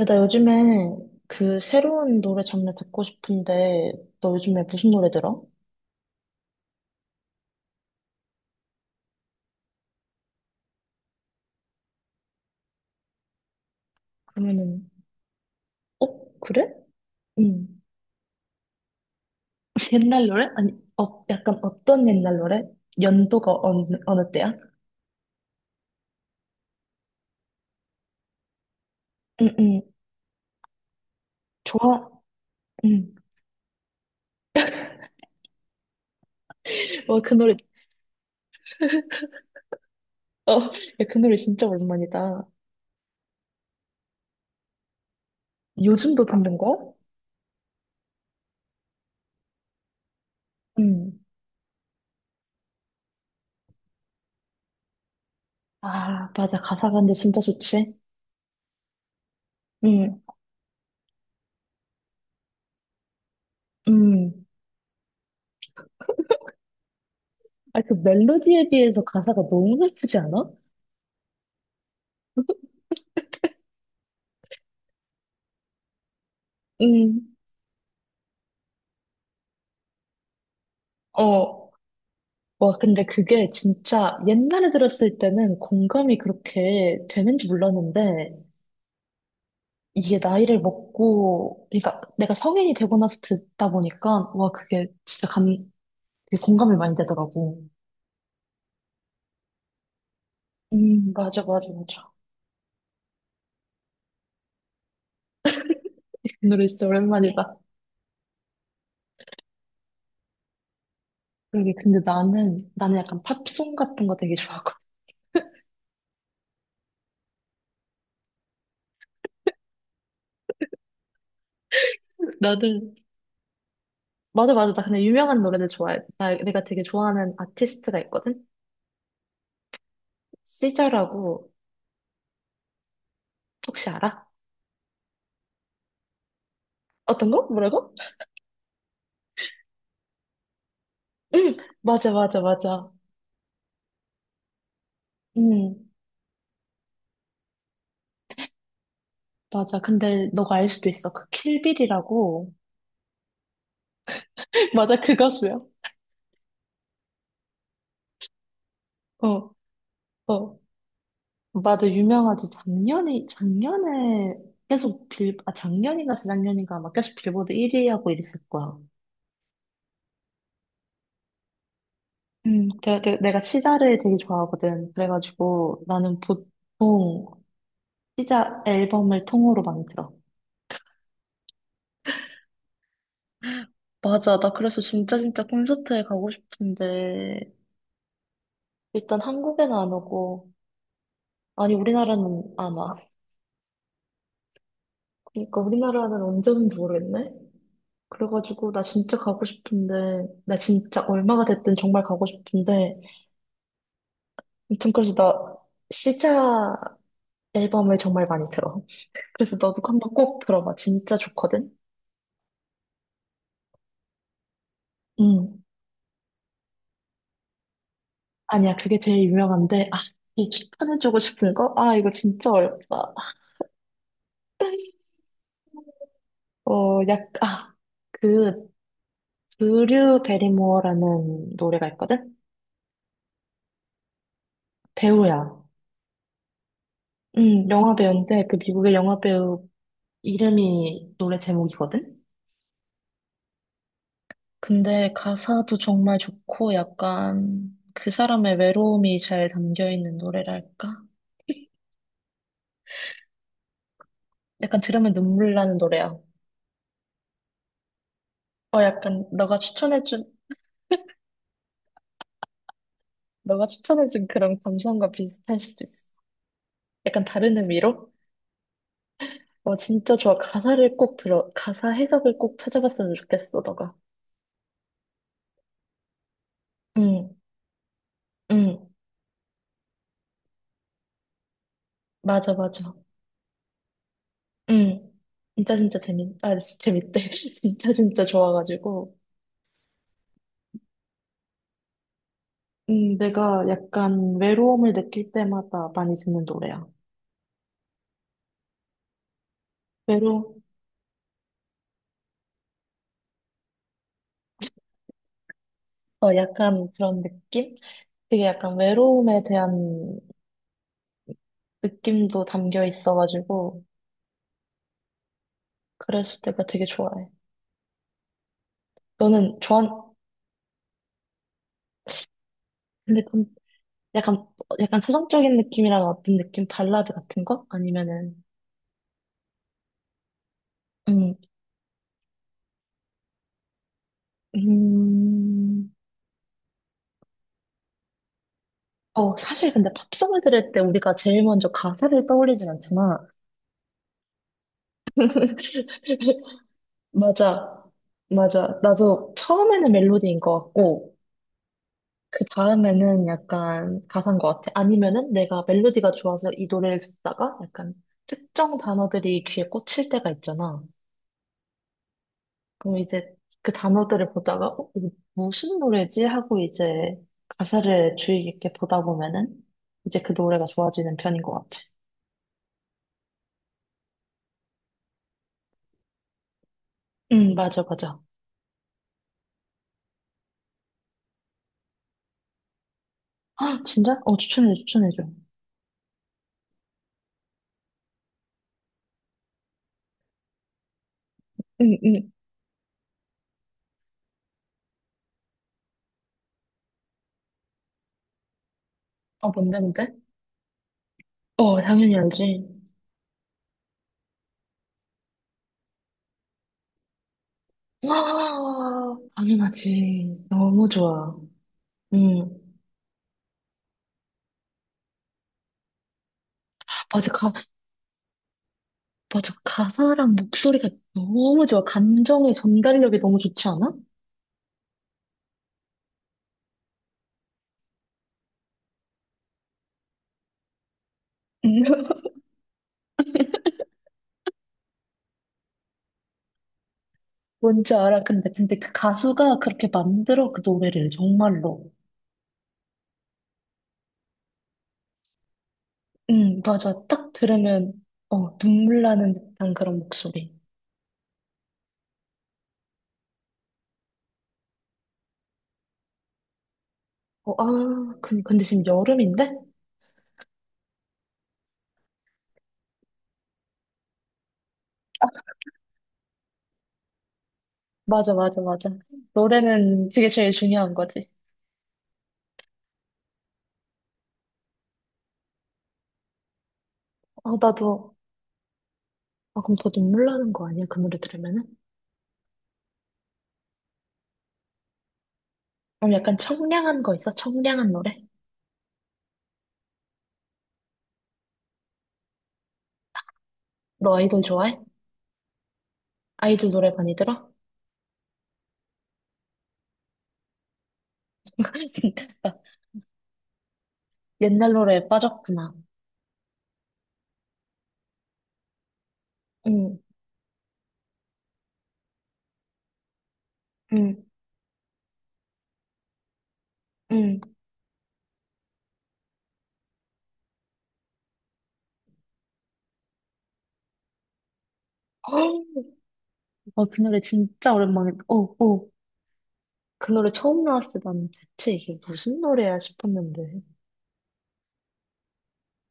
야, 나 요즘에 그 새로운 노래 장르 듣고 싶은데, 너 요즘에 무슨 노래 들어? 그러면은, 어? 그래? 응. 옛날 노래? 아니, 어, 약간 어떤 옛날 노래? 연도가 어느 때야? 응, 응. 좋아. 응. 와, 그 노래, 어, 야, 그 노래 진짜 오랜만이다. 요즘도 듣는 거야? 응. 아, 맞아. 가사가 근데 진짜 좋지? 응, 응. 아, 그 멜로디에 비해서 가사가 너무 슬프지 않아? 응. 어. 와, 근데 그게 진짜 옛날에 들었을 때는 공감이 그렇게 되는지 몰랐는데, 이게 나이를 먹고, 그러니까 내가 성인이 되고 나서 듣다 보니까, 와, 그게 진짜 감, 되게 공감이 많이 되더라고. 맞아, 맞아, 맞아. 이 노래 진짜 오랜만이다. 그러게, 근데 나는 약간 팝송 같은 거 되게 좋아하거든. 나는, 맞아, 맞아. 나 근데 유명한 노래들 좋아해. 나, 내가 되게 좋아하는 아티스트가 있거든? 시절라고 혹시 알아? 어떤 거? 뭐라고? 맞아, 맞아, 맞아. 음, 맞아. 근데 너가 알 수도 있어. 그 킬빌이라고. 맞아, 그 가수야. 어, 어. 맞아, 유명하지. 작년에 계속 빌, 아, 작년인가 재작년인가 막 계속 빌보드 1위 하고 이랬을 거야. 내가 시자를 되게 좋아하거든. 그래가지고 나는 보통 시자 앨범을 통으로 많이 들어. 맞아, 나 그래서 진짜 진짜 콘서트에 가고 싶은데 일단 한국에는 안 오고 아니, 우리나라는 안 와. 그러니까 우리나라는 언제는지 모르겠네. 그래가지고 나 진짜 가고 싶은데 나 진짜 얼마가 됐든 정말 가고 싶은데 아무튼 그래서 나 시자 앨범을 정말 많이 들어. 그래서 너도 한번 꼭 들어봐. 진짜 좋거든. 음. 아니야, 그게 제일 유명한데 아, 이 추천해주고 싶은 거? 아, 이거 진짜 어렵다. 어, 약, 아, 그, 드류 베리모어라는 노래가 있거든? 배우야. 영화 배우인데 그 미국의 영화 배우 이름이 노래 제목이거든? 근데 가사도 정말 좋고 약간 그 사람의 외로움이 잘 담겨 있는 노래랄까? 약간 들으면 눈물 나는 노래야. 어, 약간 너가 추천해준 그런 감성과 비슷할 수도 있어. 약간 다른 의미로? 어, 진짜 좋아. 가사 해석을 꼭 찾아봤으면 좋겠어, 너가. 응, 응. 맞아, 맞아. 응. 진짜 진짜 재밌, 아, 진- 재밌대. 진짜 진짜 좋아가지고. 내가 약간 외로움을 느낄 때마다 많이 듣는 노래야. 외로, 어, 약간 그런 느낌? 되게 약간 외로움에 대한 느낌도 담겨 있어가지고. 그래서 내가 되게 좋아해. 너는 좋아, 근데 좀 약간, 약간 서정적인 느낌이랑 어떤 느낌? 발라드 같은 거? 아니면은, 음, 음, 어, 사실 근데 팝송을 들을 때 우리가 제일 먼저 가사를 떠올리진 않잖아. 맞아. 맞아. 나도 처음에는 멜로디인 것 같고, 그 다음에는 약간 가사인 것 같아. 아니면은 내가 멜로디가 좋아서 이 노래를 듣다가 약간 특정 단어들이 귀에 꽂힐 때가 있잖아. 그럼 이제 그 단어들을 보다가, 어, 이거 무슨 노래지? 하고 이제 가사를 주의 깊게 보다 보면은 이제 그 노래가 좋아지는 편인 것 같아. 응, 맞아, 맞아. 아, 진짜? 추천해줘. 응, 응. 아, 뭔데? 어, 당연히 알지. 와, 당연하지. 너무 좋아. 응. 맞아, 가, 맞아. 가사랑 목소리가 너무 좋아. 감정의 전달력이 너무 좋지 않아? 응, 뭔지 알아. 근데 그 가수가 그렇게 만들어, 그 노래를, 정말로. 응, 맞아. 딱 들으면, 어, 눈물 나는 듯한 그런 목소리. 어, 아, 근- 근데 지금 여름인데? 맞아, 맞아, 맞아. 노래는 그게 제일 중요한 거지. 어, 나도, 아, 그럼 더 눈물 나는 거 아니야? 그 노래 들으면은? 그럼 약간 청량한 거 있어? 청량한 노래? 너 아이돌 좋아해? 아이돌 노래 많이 들어? 나 옛날 노래에 빠졌구나. 응, 응, 응. 아 그 노래 진짜 오랜만이다. 어, 어. 그 노래 처음 나왔을 때 나는 대체 이게 무슨 노래야 싶었는데.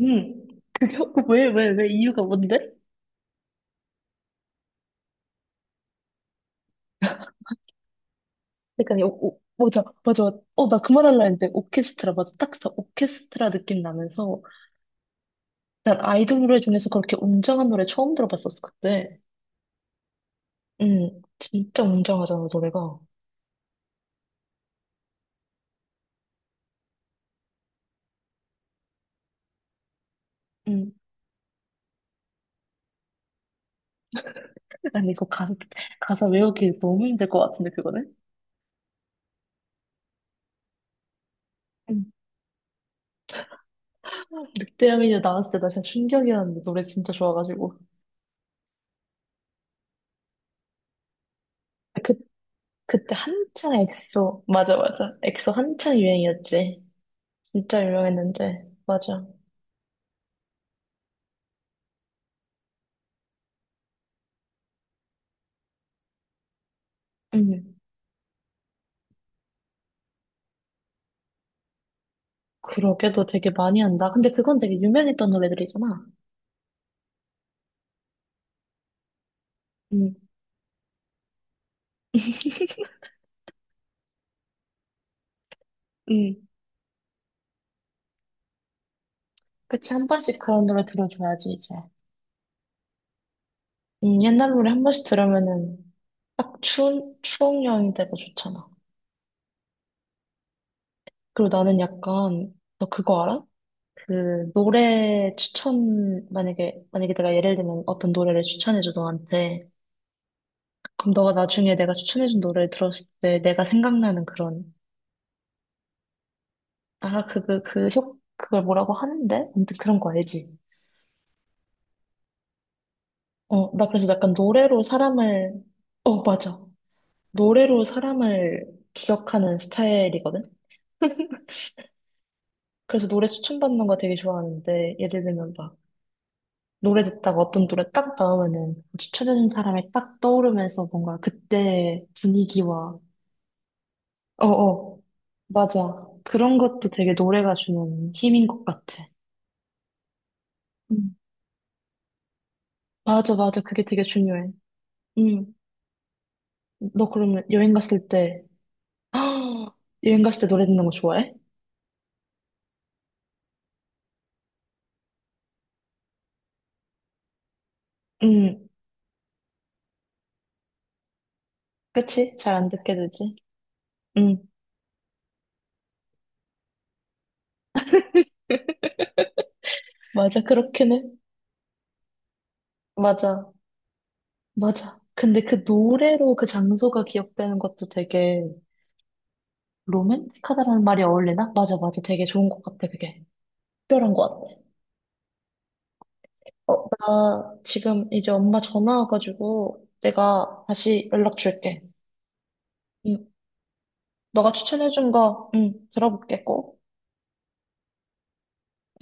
응. 그게, 왜? 이유가 뭔데? 그러니까 오, 오, 맞아 맞아 어 나 그 말 하려 했는데 오케스트라 맞아 딱저 오케스트라 느낌 나면서 난 아이돌 노래 중에서 그렇게 웅장한 노래 처음 들어봤었어 그때 응 진짜 웅장하잖아 노래가 응 아니 이거 가, 가사 외우기 너무 힘들 것 같은데 그거는 응 늑대여미녀 나왔을 때 나 진짜 충격이었는데 노래 진짜 좋아가지고 그 그때 한창 엑소 맞아 맞아 엑소 한창 유행이었지 진짜 유명했는데 맞아 응 그러게, 너 되게 많이 한다. 근데 그건 되게 유명했던 노래들이잖아. 응, 응, 그치, 한 번씩 그런 노래 들어줘야지, 이제. 옛날 노래 한 번씩 들으면은 딱 추운, 추억 여행이 되고 좋잖아. 그리고 나는 약간, 너 그거 알아? 그, 노래 추천, 만약에 내가 예를 들면 어떤 노래를 추천해줘, 너한테. 그럼 너가 나중에 내가 추천해준 노래를 들었을 때 내가 생각나는 그런, 아, 그 효, 그걸 뭐라고 하는데? 아무튼 그런 거 알지? 어, 나 그래서 약간 노래로 사람을, 어, 맞아. 노래로 사람을 기억하는 스타일이거든? 그래서 노래 추천받는 거 되게 좋아하는데, 예를 들면 막, 노래 듣다가 어떤 노래 딱 나오면은, 추천해준 사람이 딱 떠오르면서 뭔가 그때 분위기와, 어어, 맞아. 그런 것도 되게 노래가 주는 힘인 것 같아. 음. 맞아, 맞아. 그게 되게 중요해. 음. 너 그러면 여행 갔을 때, 여행 갔을 때 노래 듣는 거 좋아해? 응. 그치? 잘 안 듣게 되지. 응, 맞아. 그렇긴 해. 맞아. 맞아. 근데 그 노래로 그 장소가 기억되는 것도 되게 로맨틱하다라는 말이 어울리나? 맞아, 맞아. 되게 좋은 것 같아, 그게. 특별한 것 같아. 어, 나 지금 이제 엄마 전화 와가지고 내가 다시 연락 줄게. 응. 너가 추천해준 거, 응, 들어볼게, 꼭.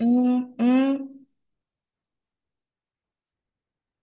응, 응.